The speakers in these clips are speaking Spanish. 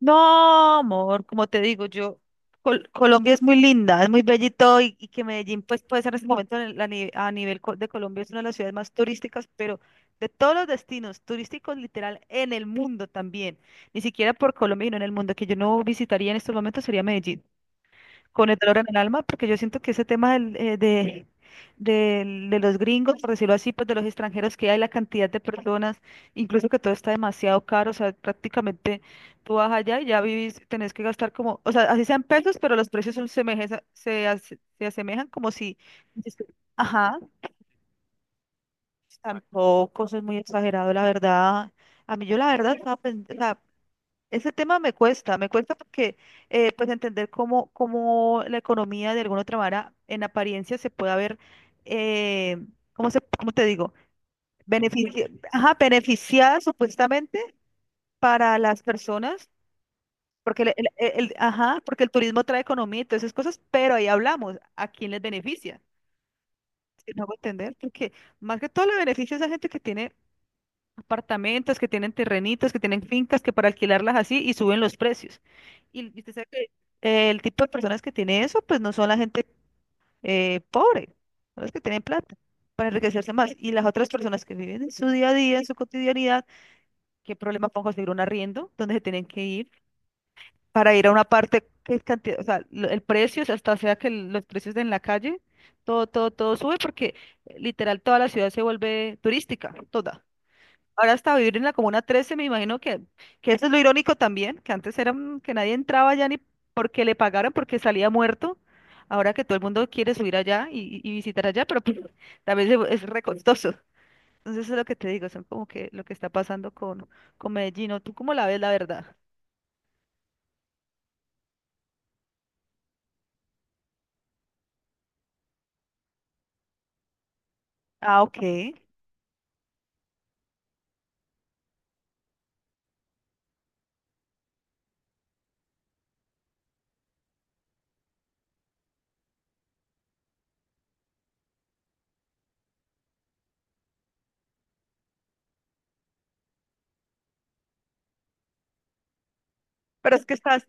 No, amor, como te digo, yo, Colombia es muy linda, es muy bella y todo, y que Medellín pues puede ser en este momento en el- a, ni- a nivel co- de Colombia es una de las ciudades más turísticas, pero de todos los destinos turísticos literal en el mundo también, ni siquiera por Colombia, sino en el mundo, que yo no visitaría en estos momentos sería Medellín con el dolor en el alma, porque yo siento que ese tema de los gringos, por decirlo así, pues de los extranjeros que hay, la cantidad de personas, incluso que todo está demasiado caro. O sea, prácticamente tú vas allá y ya vivís, tenés que gastar como, o sea, así sean pesos, pero los precios son se asemejan como si, ajá, tampoco, eso es muy exagerado, la verdad. A mí yo la verdad, estaba o sea, ese tema me cuesta porque pues entender cómo la economía de alguna otra manera en apariencia se puede ver. eh, cómo te digo? Ajá, beneficiada supuestamente para las personas, porque el- ajá, porque el turismo trae economía y todas esas cosas, pero ahí hablamos, ¿a quién les beneficia? Si no hago entender, porque más que todo le beneficia a esa gente que tiene apartamentos, que tienen terrenitos, que tienen fincas, que para alquilarlas así y suben los precios. Y usted sabe que el tipo de personas que tiene eso, pues no son la gente pobre, son las que tienen plata para enriquecerse más. Y las otras personas que viven en su día a día, en su cotidianidad, ¿qué problema pongo conseguir un arriendo donde se tienen que ir para ir a una parte que es cantidad? O sea, el precio, o sea, hasta sea que los precios en la calle, todo, todo, todo sube porque literal toda la ciudad se vuelve turística, toda. Ahora hasta vivir en la Comuna 13, me imagino que eso es lo irónico también, que antes era que nadie entraba allá ni porque le pagaran, porque salía muerto. Ahora que todo el mundo quiere subir allá y visitar allá, pero pues, también es re costoso. Entonces eso es lo que te digo, son como que lo que está pasando con Medellín. ¿O ¿Tú cómo la ves, la verdad? Ah, ok. Pero es que estás...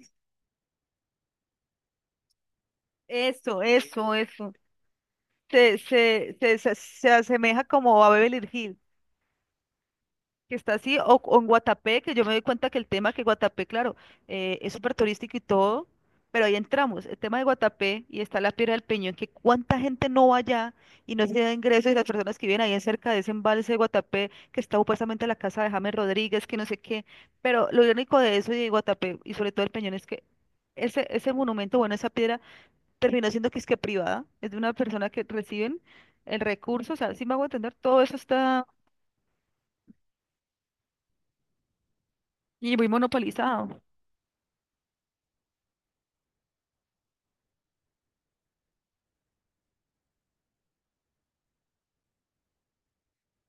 Eso, eso, eso. Se asemeja como a Beverly Hills, que está así, o en Guatapé, que yo me doy cuenta que el tema que Guatapé, claro, es súper turístico y todo, pero ahí entramos, el tema de Guatapé y está la Piedra del Peñón, que cuánta gente no va allá y no se da ingresos y las personas que viven ahí en cerca de ese embalse de Guatapé, que está supuestamente la casa de James Rodríguez, que no sé qué, pero lo único de eso y de Guatapé y sobre todo el Peñón es que ese monumento, bueno, esa piedra terminó siendo que es que privada, es de una persona que reciben el recurso, o sea, si me hago entender, todo eso está y muy monopolizado.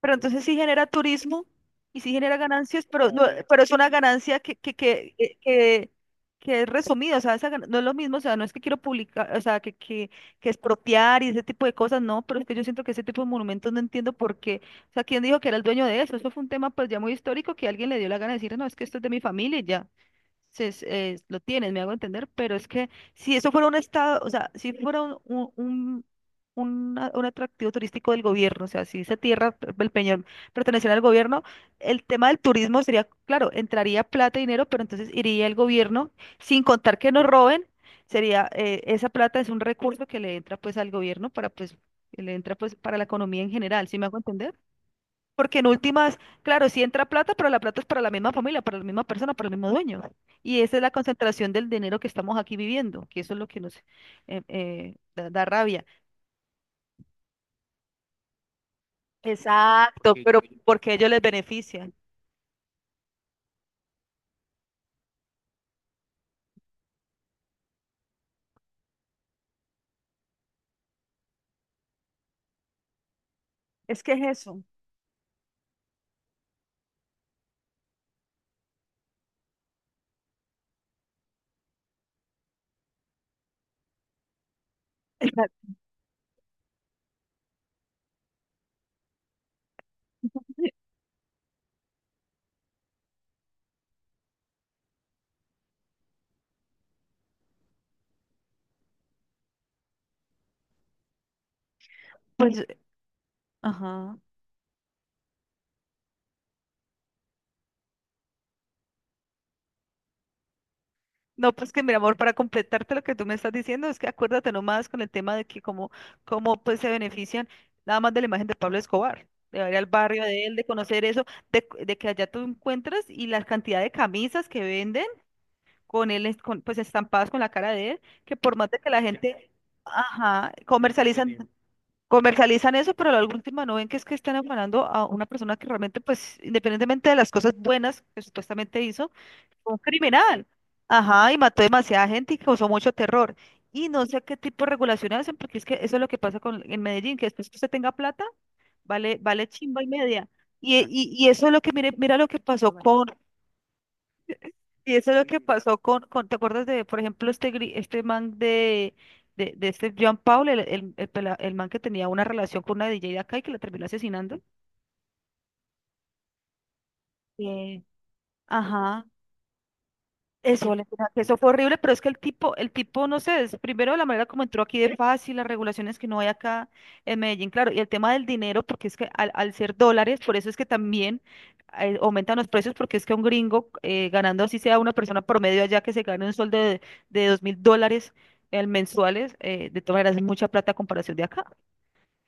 Pero entonces sí genera turismo y sí genera ganancias, pero, no, pero es una ganancia que es resumida. O sea, no es lo mismo, o sea, no es que quiero publicar, o sea, que expropiar y ese tipo de cosas, no, pero es que yo siento que ese tipo de monumentos no entiendo por qué, o sea, ¿quién dijo que era el dueño de eso? Eso fue un tema pues ya muy histórico que alguien le dio la gana de decir, no, es que esto es de mi familia y ya lo tienes, me hago entender, pero es que si eso fuera un estado, o sea, si fuera un, un, un atractivo turístico del gobierno, o sea, si esa tierra, el Peñol, perteneciera al gobierno, el tema del turismo sería, claro, entraría plata y dinero, pero entonces iría el gobierno, sin contar que nos roben, sería, esa plata es un recurso que le entra pues al gobierno para pues, que le entra pues para la economía en general, ¿sí me hago entender? Porque en últimas, claro, sí entra plata, pero la plata es para la misma familia, para la misma persona, para el mismo dueño. Y esa es la concentración del dinero que estamos aquí viviendo, que eso es lo que nos da rabia. Exacto, sí, pero sí, porque a ellos les beneficia. Es que es eso. Exacto. Pues, ajá. No, pues que mi amor, para completarte lo que tú me estás diciendo, es que acuérdate nomás con el tema de que cómo, pues se benefician nada más de la imagen de Pablo Escobar, de ir al barrio de él, de conocer eso, de que allá tú encuentras y la cantidad de camisas que venden con él, pues estampadas con la cara de él, que por más de que la gente, ajá, comercializan. Comercializan eso, pero a la última no ven que es que están afanando a una persona que realmente, pues, independientemente de las cosas buenas que supuestamente hizo, fue un criminal. Ajá, y mató demasiada gente y causó mucho terror. Y no sé qué tipo de regulaciones hacen, porque es que eso es lo que pasa en Medellín, que después que usted tenga plata, vale, vale chimba y media. Y eso es lo que, mire, mira lo que pasó y eso es lo que pasó ¿te acuerdas de, por ejemplo, este man de, de este John Paul, el man que tenía una relación con una DJ de acá y que la terminó asesinando? Sí. Ajá. Eso, Valentina, que eso fue horrible, pero es que el tipo, no sé, es primero la manera como entró aquí de fácil, las regulaciones que no hay acá en Medellín, claro, y el tema del dinero, porque es que al ser dólares, por eso es que también aumentan los precios, porque es que un gringo ganando así sea una persona promedio allá que se gane un sueldo de $2.000 mensuales, de todas maneras es mucha plata a comparación de acá.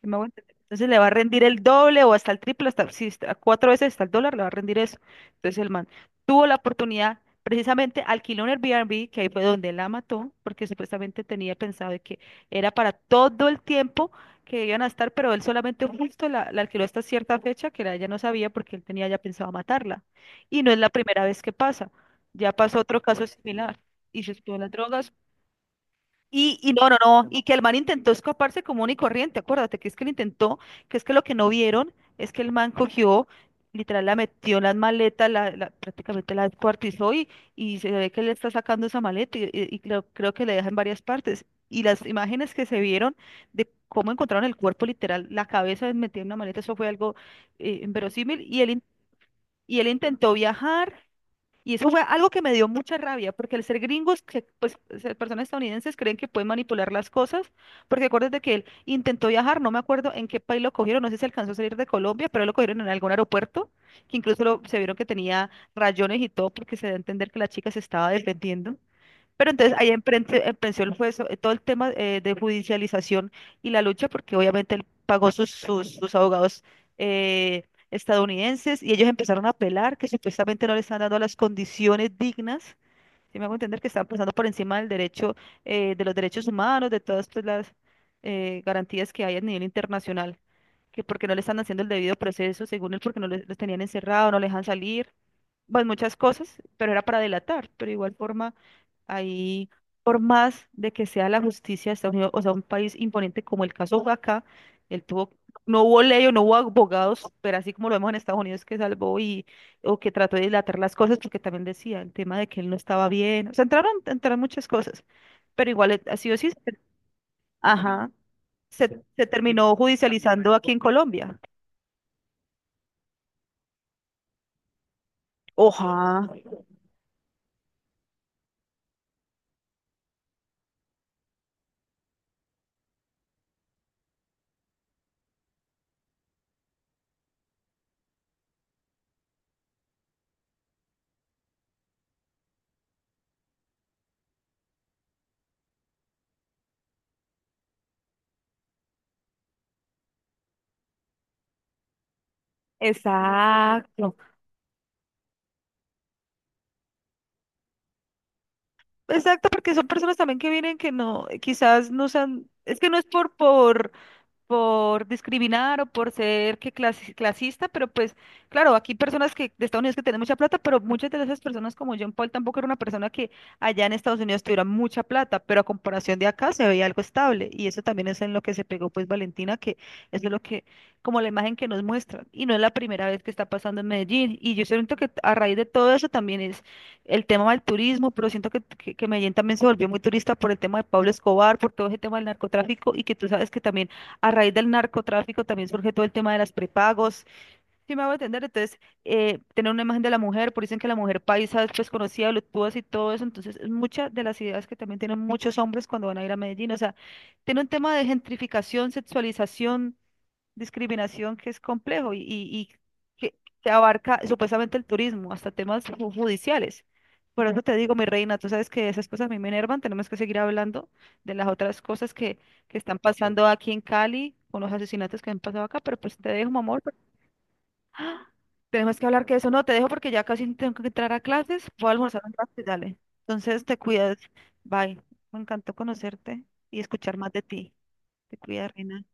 ¿Sí me hago entender? Entonces le va a rendir el doble o hasta el triple, hasta, sí, hasta cuatro veces hasta el dólar le va a rendir eso. Entonces el man tuvo la oportunidad, precisamente alquiló un Airbnb, que ahí fue donde la mató, porque supuestamente tenía pensado de que era para todo el tiempo que iban a estar, pero él solamente justo la alquiló hasta cierta fecha, que ella no sabía porque él tenía ya pensado matarla. Y no es la primera vez que pasa, ya pasó otro caso similar. Y se estuvo en las drogas, y no, no, no, y que el man intentó escaparse común y corriente, acuérdate que es que lo intentó, que es que lo que no vieron es que el man cogió, literal la metió en las maletas, prácticamente la descuartizó y se ve que le está sacando esa maleta y, y creo que le deja en varias partes. Y las imágenes que se vieron de cómo encontraron el cuerpo literal, la cabeza metida en una maleta, eso fue algo inverosímil y él intentó viajar. Y eso fue algo que me dio mucha rabia, porque al ser gringos, que, pues ser personas estadounidenses creen que pueden manipular las cosas, porque acuérdate que él intentó viajar, no me acuerdo en qué país lo cogieron, no sé si alcanzó a salir de Colombia, pero lo cogieron en algún aeropuerto, que incluso se vieron que tenía rayones y todo, porque se da a entender que la chica se estaba defendiendo. Pero entonces ahí empezó el juez, todo el tema de judicialización y la lucha, porque obviamente él pagó sus abogados eh, estadounidenses y ellos empezaron a apelar que supuestamente no le están dando las condiciones dignas. Si me hago entender que están pasando por encima del derecho, de los derechos humanos, de todas pues, las garantías que hay a nivel internacional, que porque no le están haciendo el debido proceso, según él, porque no les- los tenían encerrado, no les dejan salir pues muchas cosas, pero era para delatar, pero igual forma, ahí, por más de que sea la justicia de Estados Unidos, o sea, un país imponente como el caso de acá, él tuvo, no hubo ley o no hubo abogados, pero así como lo vemos en Estados Unidos que salvó y, o que trató de dilatar las cosas, porque también decía el tema de que él no estaba bien, o sea, entraron muchas cosas, pero igual, así o sí, ajá, se terminó judicializando aquí en Colombia. Oja, exacto. Exacto, porque son personas también que vienen que no, quizás no sean, es que no es por discriminar o por ser que clasista, pero pues claro, aquí personas que de Estados Unidos que tienen mucha plata, pero muchas de esas personas como John Paul tampoco era una persona que allá en Estados Unidos tuviera mucha plata, pero a comparación de acá se veía algo estable y eso también es en lo que se pegó pues Valentina, que eso es lo que como la imagen que nos muestra y no es la primera vez que está pasando en Medellín y yo siento que a raíz de todo eso también es el tema del turismo, pero siento que Medellín también se volvió muy turista por el tema de Pablo Escobar, por todo ese tema del narcotráfico y que tú sabes que también a raíz del narcotráfico también surge todo el tema de las prepagos. Si me hago entender, entonces, tener una imagen de la mujer, por dicen que la mujer paisa es desconocida, voluptuosa y todo eso. Entonces, es muchas de las ideas que también tienen muchos hombres cuando van a ir a Medellín. O sea, tiene un tema de gentrificación, sexualización discriminación que es complejo y que, que abarca supuestamente el turismo, hasta temas judiciales. Por eso te digo, mi reina, tú sabes que esas cosas a mí me enervan, tenemos que seguir hablando de las otras cosas que están pasando aquí en Cali, con los asesinatos que han pasado acá, pero pues te dejo, mi amor. ¡Ah! Tenemos que hablar que eso no, te dejo porque ya casi tengo que entrar a clases, voy a almorzar un rato y dale. Entonces te cuidas, bye. Me encantó conocerte y escuchar más de ti. Te cuidas, reina.